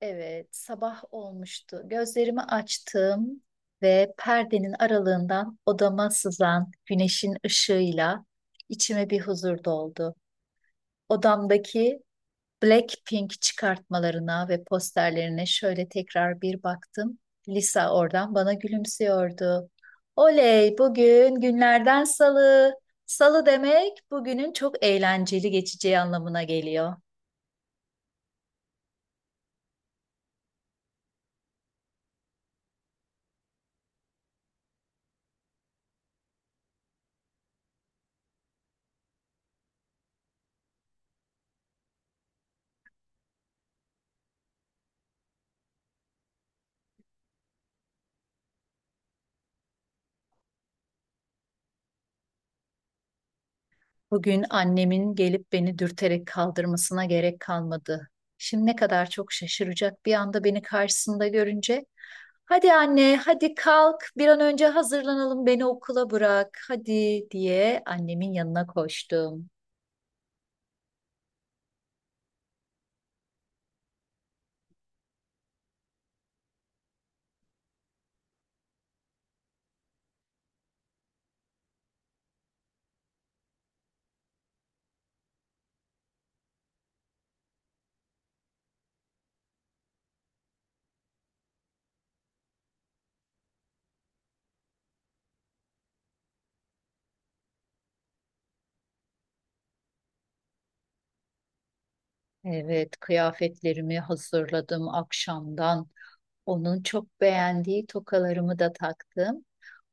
Evet, sabah olmuştu. Gözlerimi açtım ve perdenin aralığından odama sızan güneşin ışığıyla içime bir huzur doldu. Odamdaki Blackpink çıkartmalarına ve posterlerine şöyle tekrar bir baktım. Lisa oradan bana gülümsüyordu. Oley, bugün günlerden salı. Salı demek bugünün çok eğlenceli geçeceği anlamına geliyor. Bugün annemin gelip beni dürterek kaldırmasına gerek kalmadı. Şimdi ne kadar çok şaşıracak bir anda beni karşısında görünce. Hadi anne, hadi kalk, bir an önce hazırlanalım, beni okula bırak, hadi diye annemin yanına koştum. Evet, kıyafetlerimi hazırladım akşamdan. Onun çok beğendiği tokalarımı da taktım.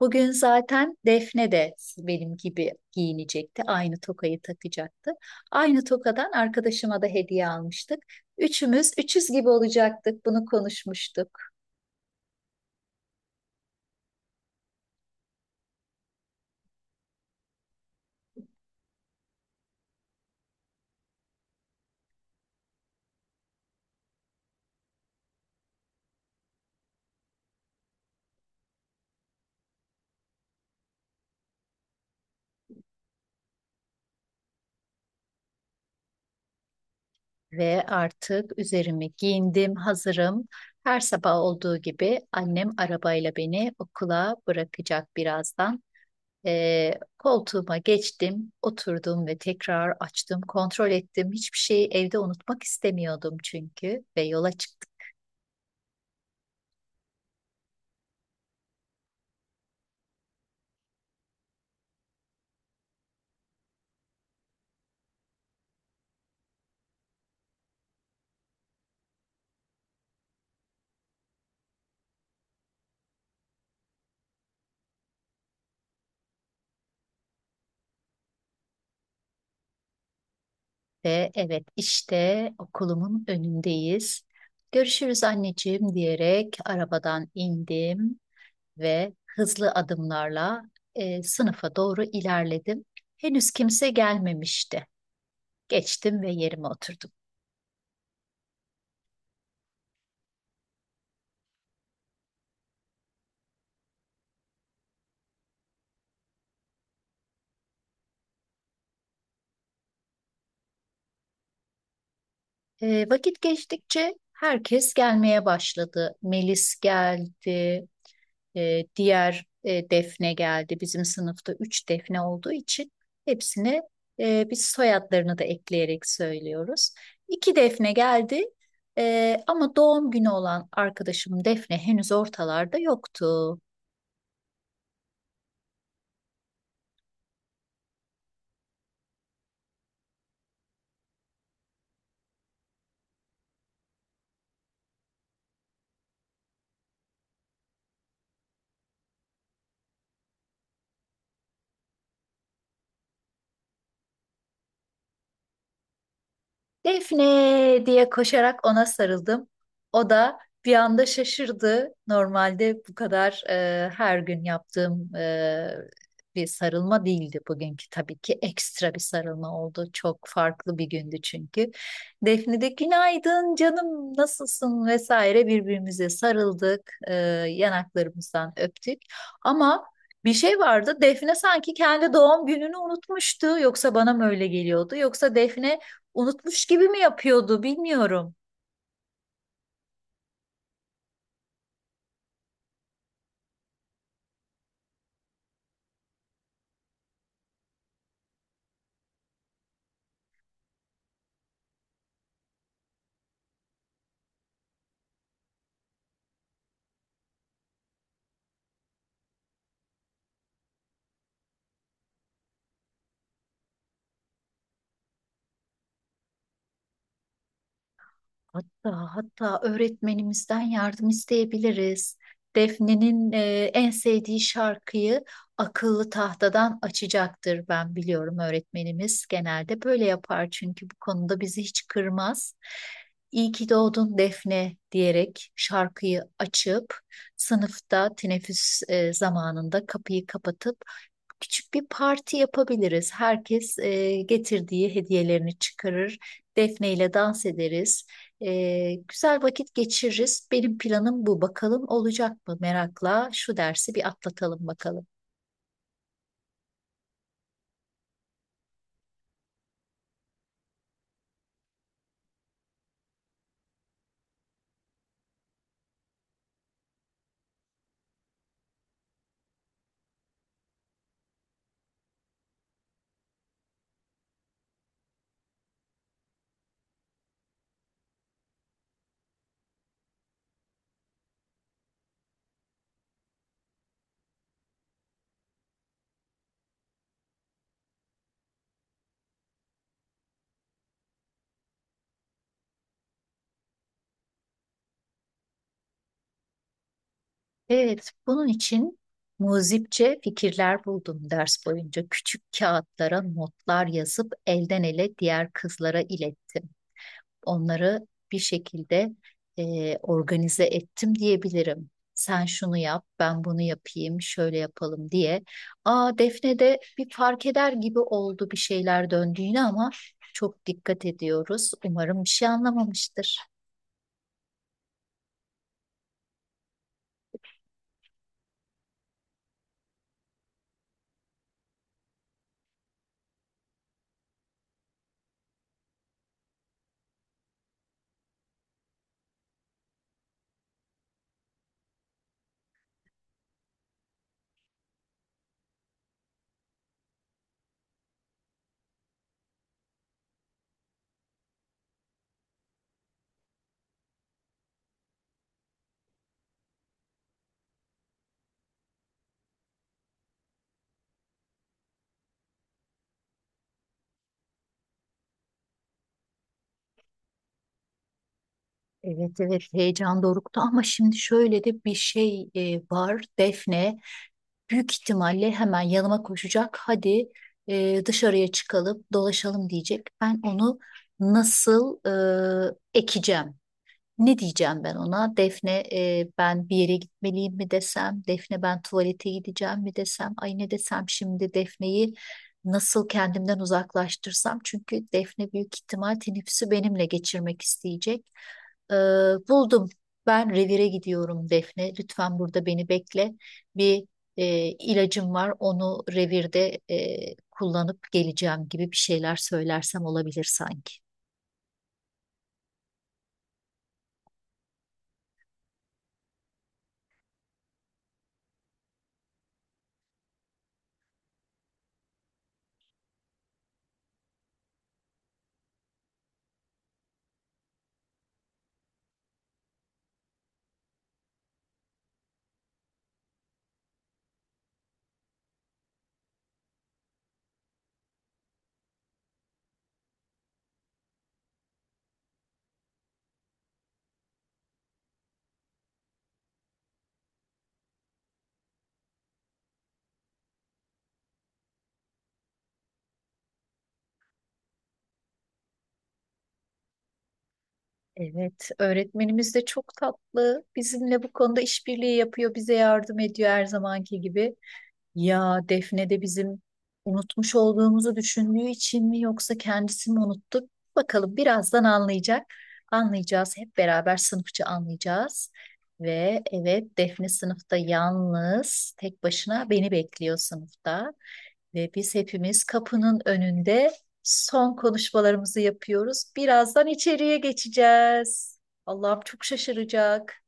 Bugün zaten Defne de benim gibi giyinecekti. Aynı tokayı takacaktı. Aynı tokadan arkadaşıma da hediye almıştık. Üçümüz üçüz gibi olacaktık. Bunu konuşmuştuk. Ve artık üzerimi giyindim, hazırım. Her sabah olduğu gibi annem arabayla beni okula bırakacak birazdan. Ee, Koltuğuma geçtim, oturdum ve tekrar açtım, kontrol ettim. Hiçbir şeyi evde unutmak istemiyordum çünkü ve yola çıktım. Ve evet işte okulumun önündeyiz. Görüşürüz anneciğim diyerek arabadan indim ve hızlı adımlarla sınıfa doğru ilerledim. Henüz kimse gelmemişti. Geçtim ve yerime oturdum. Vakit geçtikçe herkes gelmeye başladı. Melis geldi, diğer defne geldi. Bizim sınıfta üç defne olduğu için hepsine biz soyadlarını da ekleyerek söylüyoruz. İki defne geldi. Ama doğum günü olan arkadaşım Defne henüz ortalarda yoktu. Defne diye koşarak ona sarıldım. O da bir anda şaşırdı. Normalde bu kadar her gün yaptığım bir sarılma değildi bugünkü, tabii ki ekstra bir sarılma oldu. Çok farklı bir gündü çünkü. Defne de günaydın canım nasılsın vesaire birbirimize sarıldık. Yanaklarımızdan öptük. Ama bir şey vardı. Defne sanki kendi doğum gününü unutmuştu. Yoksa bana mı öyle geliyordu? Yoksa Defne unutmuş gibi mi yapıyordu bilmiyorum. Hatta öğretmenimizden yardım isteyebiliriz. Defne'nin en sevdiği şarkıyı akıllı tahtadan açacaktır, ben biliyorum, öğretmenimiz genelde böyle yapar çünkü bu konuda bizi hiç kırmaz. İyi ki doğdun Defne diyerek şarkıyı açıp sınıfta teneffüs zamanında kapıyı kapatıp küçük bir parti yapabiliriz. Herkes getirdiği hediyelerini çıkarır. Defne ile dans ederiz. Güzel vakit geçiririz. Benim planım bu. Bakalım olacak mı? Merakla şu dersi bir atlatalım bakalım. Evet, bunun için muzipçe fikirler buldum ders boyunca. Küçük kağıtlara notlar yazıp elden ele diğer kızlara ilettim. Onları bir şekilde organize ettim diyebilirim. Sen şunu yap, ben bunu yapayım, şöyle yapalım diye. Aa, Defne de bir fark eder gibi oldu bir şeyler döndüğünü, ama çok dikkat ediyoruz. Umarım bir şey anlamamıştır. Evet evet, heyecan doruktu ama şimdi şöyle de bir şey var Defne. Büyük ihtimalle hemen yanıma koşacak. Hadi dışarıya çıkalım, dolaşalım diyecek. Ben onu nasıl ekeceğim? Ne diyeceğim ben ona? Defne, ben bir yere gitmeliyim mi desem? Defne ben tuvalete gideceğim mi desem? Ay ne desem şimdi, Defne'yi nasıl kendimden uzaklaştırsam? Çünkü Defne büyük ihtimal teneffüsü benimle geçirmek isteyecek. Ee, Buldum. Ben revire gidiyorum Defne. Lütfen burada beni bekle. Bir e, ilacım var. Onu revirde kullanıp geleceğim gibi bir şeyler söylersem olabilir sanki. Evet, öğretmenimiz de çok tatlı. Bizimle bu konuda işbirliği yapıyor, bize yardım ediyor her zamanki gibi. Ya Defne de bizim unutmuş olduğumuzu düşündüğü için mi yoksa kendisi mi unuttu? Bakalım birazdan anlayacak. Anlayacağız, hep beraber sınıfça anlayacağız. Ve evet, Defne sınıfta yalnız tek başına beni bekliyor sınıfta. Ve biz hepimiz kapının önünde son konuşmalarımızı yapıyoruz. Birazdan içeriye geçeceğiz. Allah'ım, çok şaşıracak.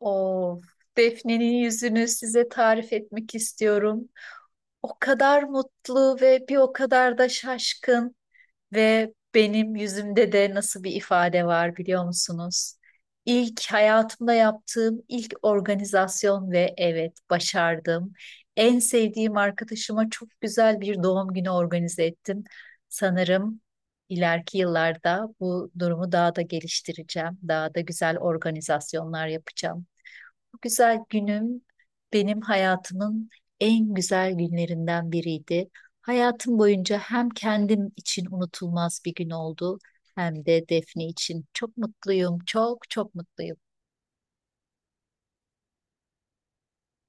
Of. Defne'nin yüzünü size tarif etmek istiyorum. O kadar mutlu ve bir o kadar da şaşkın, ve benim yüzümde de nasıl bir ifade var biliyor musunuz? İlk hayatımda yaptığım ilk organizasyon ve evet, başardım. En sevdiğim arkadaşıma çok güzel bir doğum günü organize ettim. Sanırım ileriki yıllarda bu durumu daha da geliştireceğim. Daha da güzel organizasyonlar yapacağım. Bu güzel günüm benim hayatımın en güzel günlerinden biriydi. Hayatım boyunca hem kendim için unutulmaz bir gün oldu, hem de Defne için. Çok mutluyum, çok çok mutluyum.